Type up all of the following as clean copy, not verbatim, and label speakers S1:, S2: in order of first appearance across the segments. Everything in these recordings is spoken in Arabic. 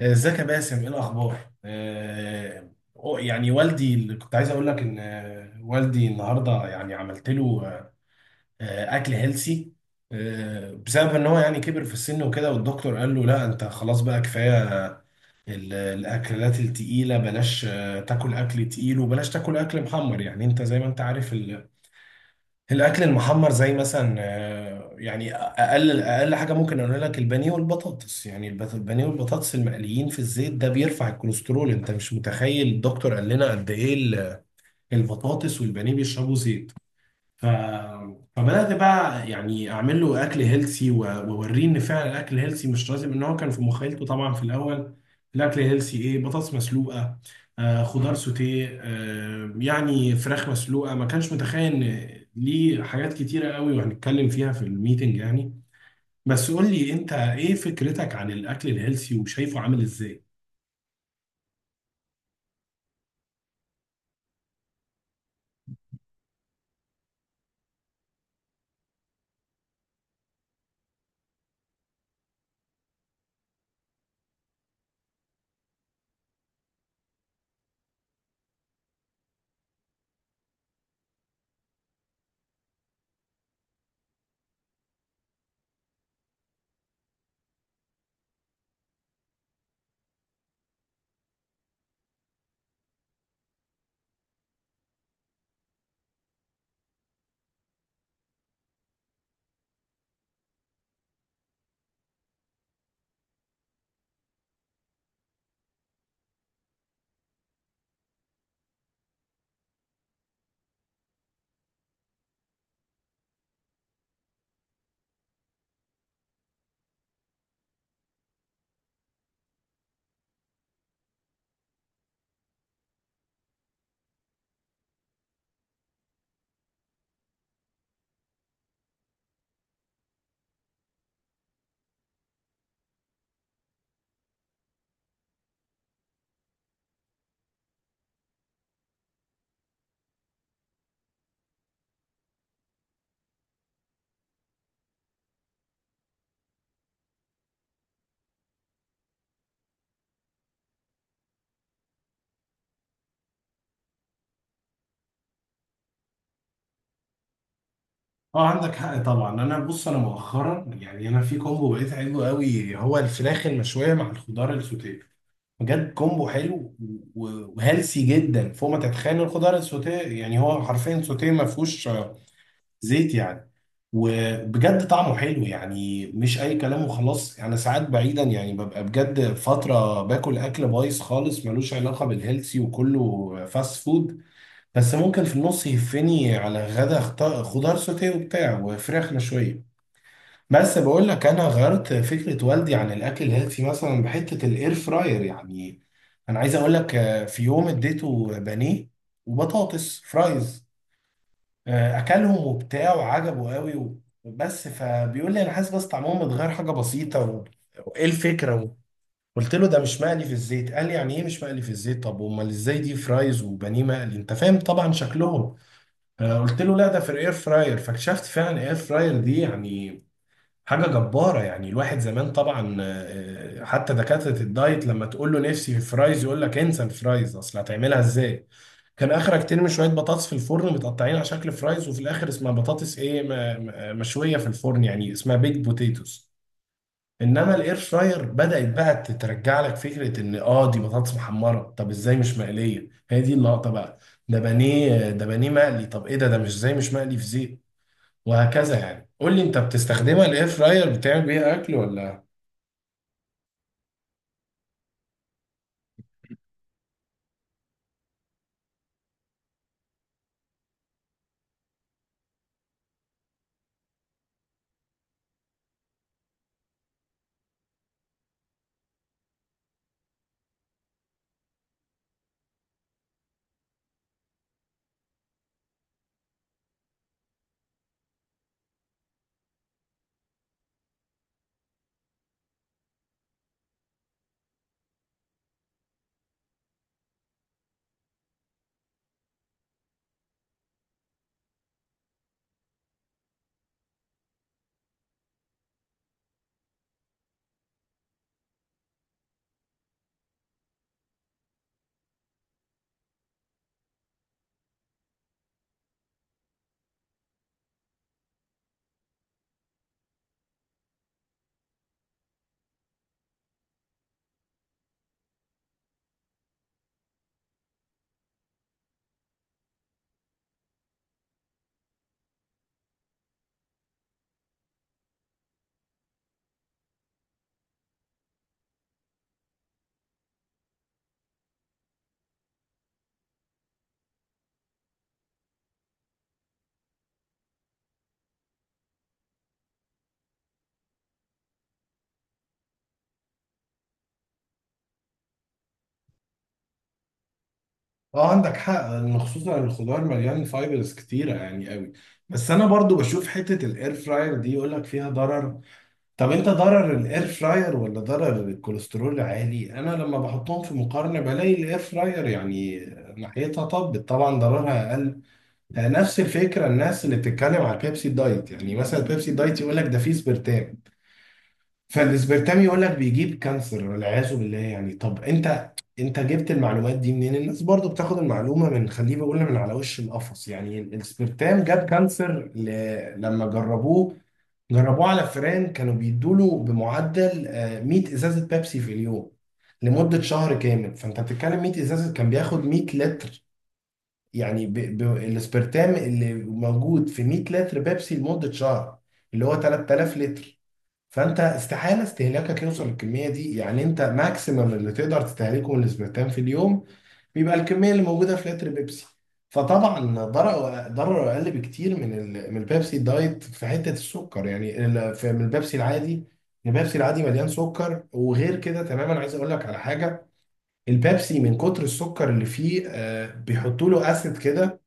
S1: ازيك يا باسم، ايه الاخبار؟ آه، يعني والدي، اللي كنت عايز اقول لك ان والدي النهارده يعني عملت له اكل هيلسي، بسبب ان هو يعني كبر في السن وكده، والدكتور قال له لا انت خلاص بقى كفايه. الاكلات التقيله بلاش، تاكل اكل تقيل وبلاش تاكل اكل محمر، يعني انت زي ما انت عارف. الاكل المحمر زي مثلا يعني اقل اقل حاجه ممكن اقول لك البانيه والبطاطس، يعني البانيه والبطاطس المقليين في الزيت ده بيرفع الكوليسترول. انت مش متخيل الدكتور قال لنا قد ايه البطاطس والبانيه بيشربوا زيت. ف... فبدأت بقى يعني أعمل له أكل هيلسي وأوريه إن فعلا الأكل هيلسي مش لازم، إن هو كان في مخيلته طبعا في الأول الأكل هيلسي إيه؟ بطاطس مسلوقة، خضار سوتيه، يعني فراخ مسلوقة. ما كانش متخيل إن ليه حاجات كتيرة قوي، وهنتكلم فيها في الميتنج يعني. بس قول لي أنت، إيه فكرتك عن الأكل الهيلسي وشايفه عامل إزاي؟ اه، عندك حق طبعا. انا بص، انا مؤخرا يعني انا في كومبو بقيت عايزه قوي، هو الفراخ المشويه مع الخضار السوتيه. بجد كومبو حلو و- وهيلسي جدا فوق ما تتخيل. الخضار السوتيه يعني هو حرفيا سوتيه، ما فيهوش زيت يعني. وبجد طعمه حلو يعني مش اي كلام وخلاص. انا ساعات بعيدا يعني ببقى بجد فتره باكل اكل بايظ خالص، ملوش علاقه بالهيلسي وكله فاست فود. بس ممكن في النص يهفني على غدا خضار سوتيه وبتاع وفراخ مشويه. بس بقول لك، انا غيرت فكره والدي عن الاكل الهيلثي، مثلا بحته الاير فراير يعني. انا عايز اقول لك، في يوم اديته بانيه وبطاطس فرايز. اكلهم وبتاع وعجبه قوي بس فبيقول لي انا حاسس بس طعمهم متغير حاجه بسيطه وايه الفكره قلت له ده مش مقلي في الزيت. قال لي يعني ايه مش مقلي في الزيت؟ طب امال ازاي؟ دي فرايز وبانيه مقلي، انت فاهم طبعا شكلهم. قلت له لا ده في الاير فراير. فاكتشفت فعلا الاير فراير دي يعني حاجة جبارة. يعني الواحد زمان طبعا، حتى دكاترة الدايت لما تقول له نفسي في فرايز، يقول لك انسى الفرايز اصل هتعملها ازاي؟ كان اخرك ترمي شوية بطاطس في الفرن متقطعين على شكل فرايز، وفي الاخر اسمها بطاطس ايه، مشوية في الفرن، يعني اسمها بيك بوتيتوس. انما الاير فراير بدأت بقى تترجع لك فكرة ان اه دي بطاطس محمرة، طب ازاي مش مقلية؟ هي دي اللقطة بقى. ده بانيه، ده بانيه مقلي، طب ايه ده مش، ازاي مش مقلي في زيت؟ وهكذا يعني. قول لي انت، بتستخدمها الاير فراير؟ بتعمل بيها اكل ولا؟ اه، عندك حق ان خصوصا الخضار مليان فايبرز كتيره يعني قوي. بس انا برضو بشوف حته الاير فراير دي يقول لك فيها ضرر. طب انت، ضرر الاير فراير ولا ضرر الكوليسترول عالي؟ انا لما بحطهم في مقارنه بلاقي الاير فراير يعني ناحيتها طبت طبعا ضررها اقل. نفس الفكره الناس اللي بتتكلم على البيبسي دايت، يعني مثلا البيبسي دايت يقول لك ده فيه سبرتام. فالاسبرتام يقول لك بيجيب كانسر والعياذ بالله يعني. طب انت جبت المعلومات دي منين؟ الناس برضو بتاخد المعلومه من خليه بيقول، من على وش القفص يعني. الاسبرتام جاب كانسر، لما جربوه على فئران كانوا بيدوا له بمعدل 100 ازازه بيبسي في اليوم لمده شهر كامل. فانت بتتكلم 100 ازازه، كان بياخد 100 لتر يعني، ب... ب... الاسبرتام اللي موجود في 100 لتر بيبسي لمدة شهر، اللي هو 3000 لتر. فانت استحالة استهلاكك يوصل للكمية دي يعني. انت ماكسيمم اللي تقدر تستهلكه من الاسبرتام في اليوم بيبقى الكمية اللي موجودة في لتر بيبسي. فطبعا ضرره اقل بكتير من من البيبسي دايت في حتة السكر، يعني من البيبسي العادي. البيبسي العادي مليان سكر. وغير كده تماما، عايز اقول لك على حاجة. البيبسي من كتر السكر اللي فيه، بيحطوا له اسيد كده.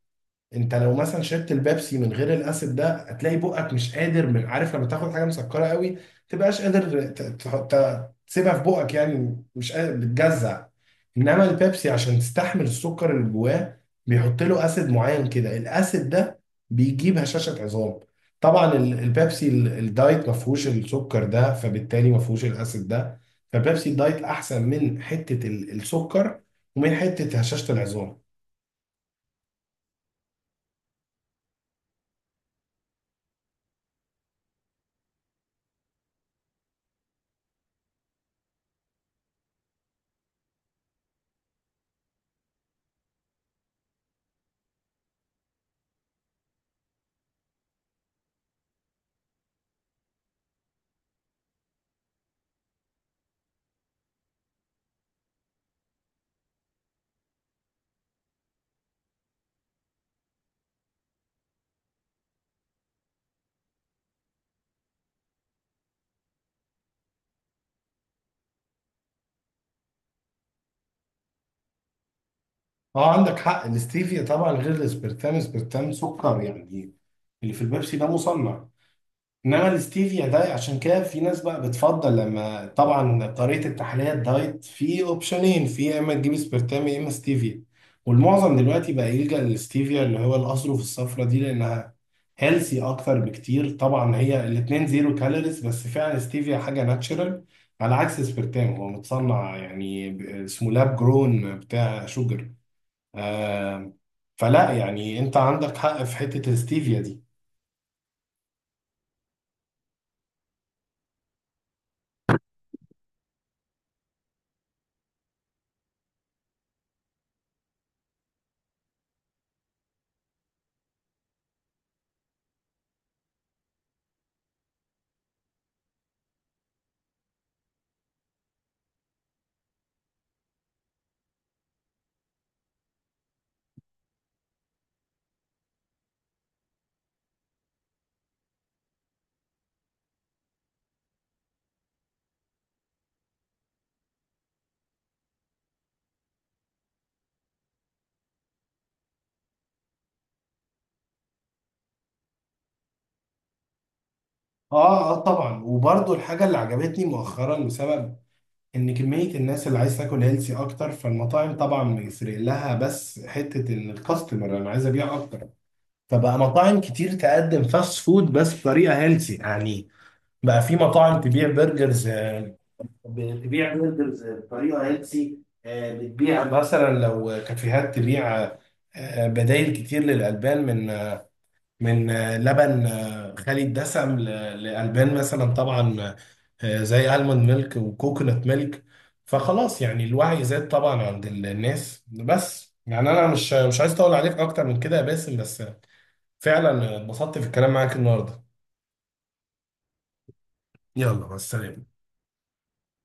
S1: انت لو مثلا شربت البيبسي من غير الاسيد ده، هتلاقي بقك مش قادر، من عارف لما تاخد حاجه مسكره قوي تبقاش قادر تسيبها في بقك يعني مش قادر، بتجزع. انما البيبسي عشان تستحمل السكر اللي جواه، بيحط له اسيد معين كده. الاسيد ده بيجيب هشاشه عظام. طبعا البيبسي الدايت ما فيهوش السكر ده، فبالتالي ما فيهوش الاسيد ده. فبيبسي الدايت احسن من حته السكر، ومن حته هشاشه العظام. اه، عندك حق. الاستيفيا طبعا غير الاسبرتام، اسبرتام سكر يعني، اللي في البيبسي ده مصنع. انما الاستيفيا ده، عشان كده في ناس بقى بتفضل، لما طبعا طريقه التحليه الدايت في اوبشنين، في يا اما تجيب اسبرتام يا اما ستيفيا. والمعظم دلوقتي بقى يلجأ للاستيفيا، اللي هو الاظرف الصفرا دي، لانها هيلسي اكتر بكتير. طبعا هي الاتنين زيرو كالوريز، بس فعلا ستيفيا حاجه ناتشرال على عكس اسبرتام، هو متصنع يعني، اسمه لاب جرون بتاع شوجر. آم، فلا يعني، انت عندك حق في حتة الستيفيا دي. اه، اه، طبعا. وبرضو الحاجة اللي عجبتني مؤخرا بسبب ان كمية الناس اللي عايز تاكل هيلسي اكتر، فالمطاعم طبعا بيفرق لها بس حتة ان الكاستمر انا عايز ابيع اكتر. فبقى مطاعم كتير تقدم فاست فود بس بطريقة هيلسي يعني. بقى في مطاعم تبيع برجرز، بتبيع برجرز بطريقة هيلسي. بتبيع مثلا لو كافيهات تبيع بدائل كتير للألبان، من لبن خالي الدسم لألبان مثلا طبعا، زي ألموند ميلك وكوكونات ميلك. فخلاص يعني الوعي زاد طبعا عند الناس. بس يعني أنا مش عايز أطول عليك أكتر من كده يا باسم، بس فعلا اتبسطت في الكلام معاك النهاردة. يلا، مع السلامة.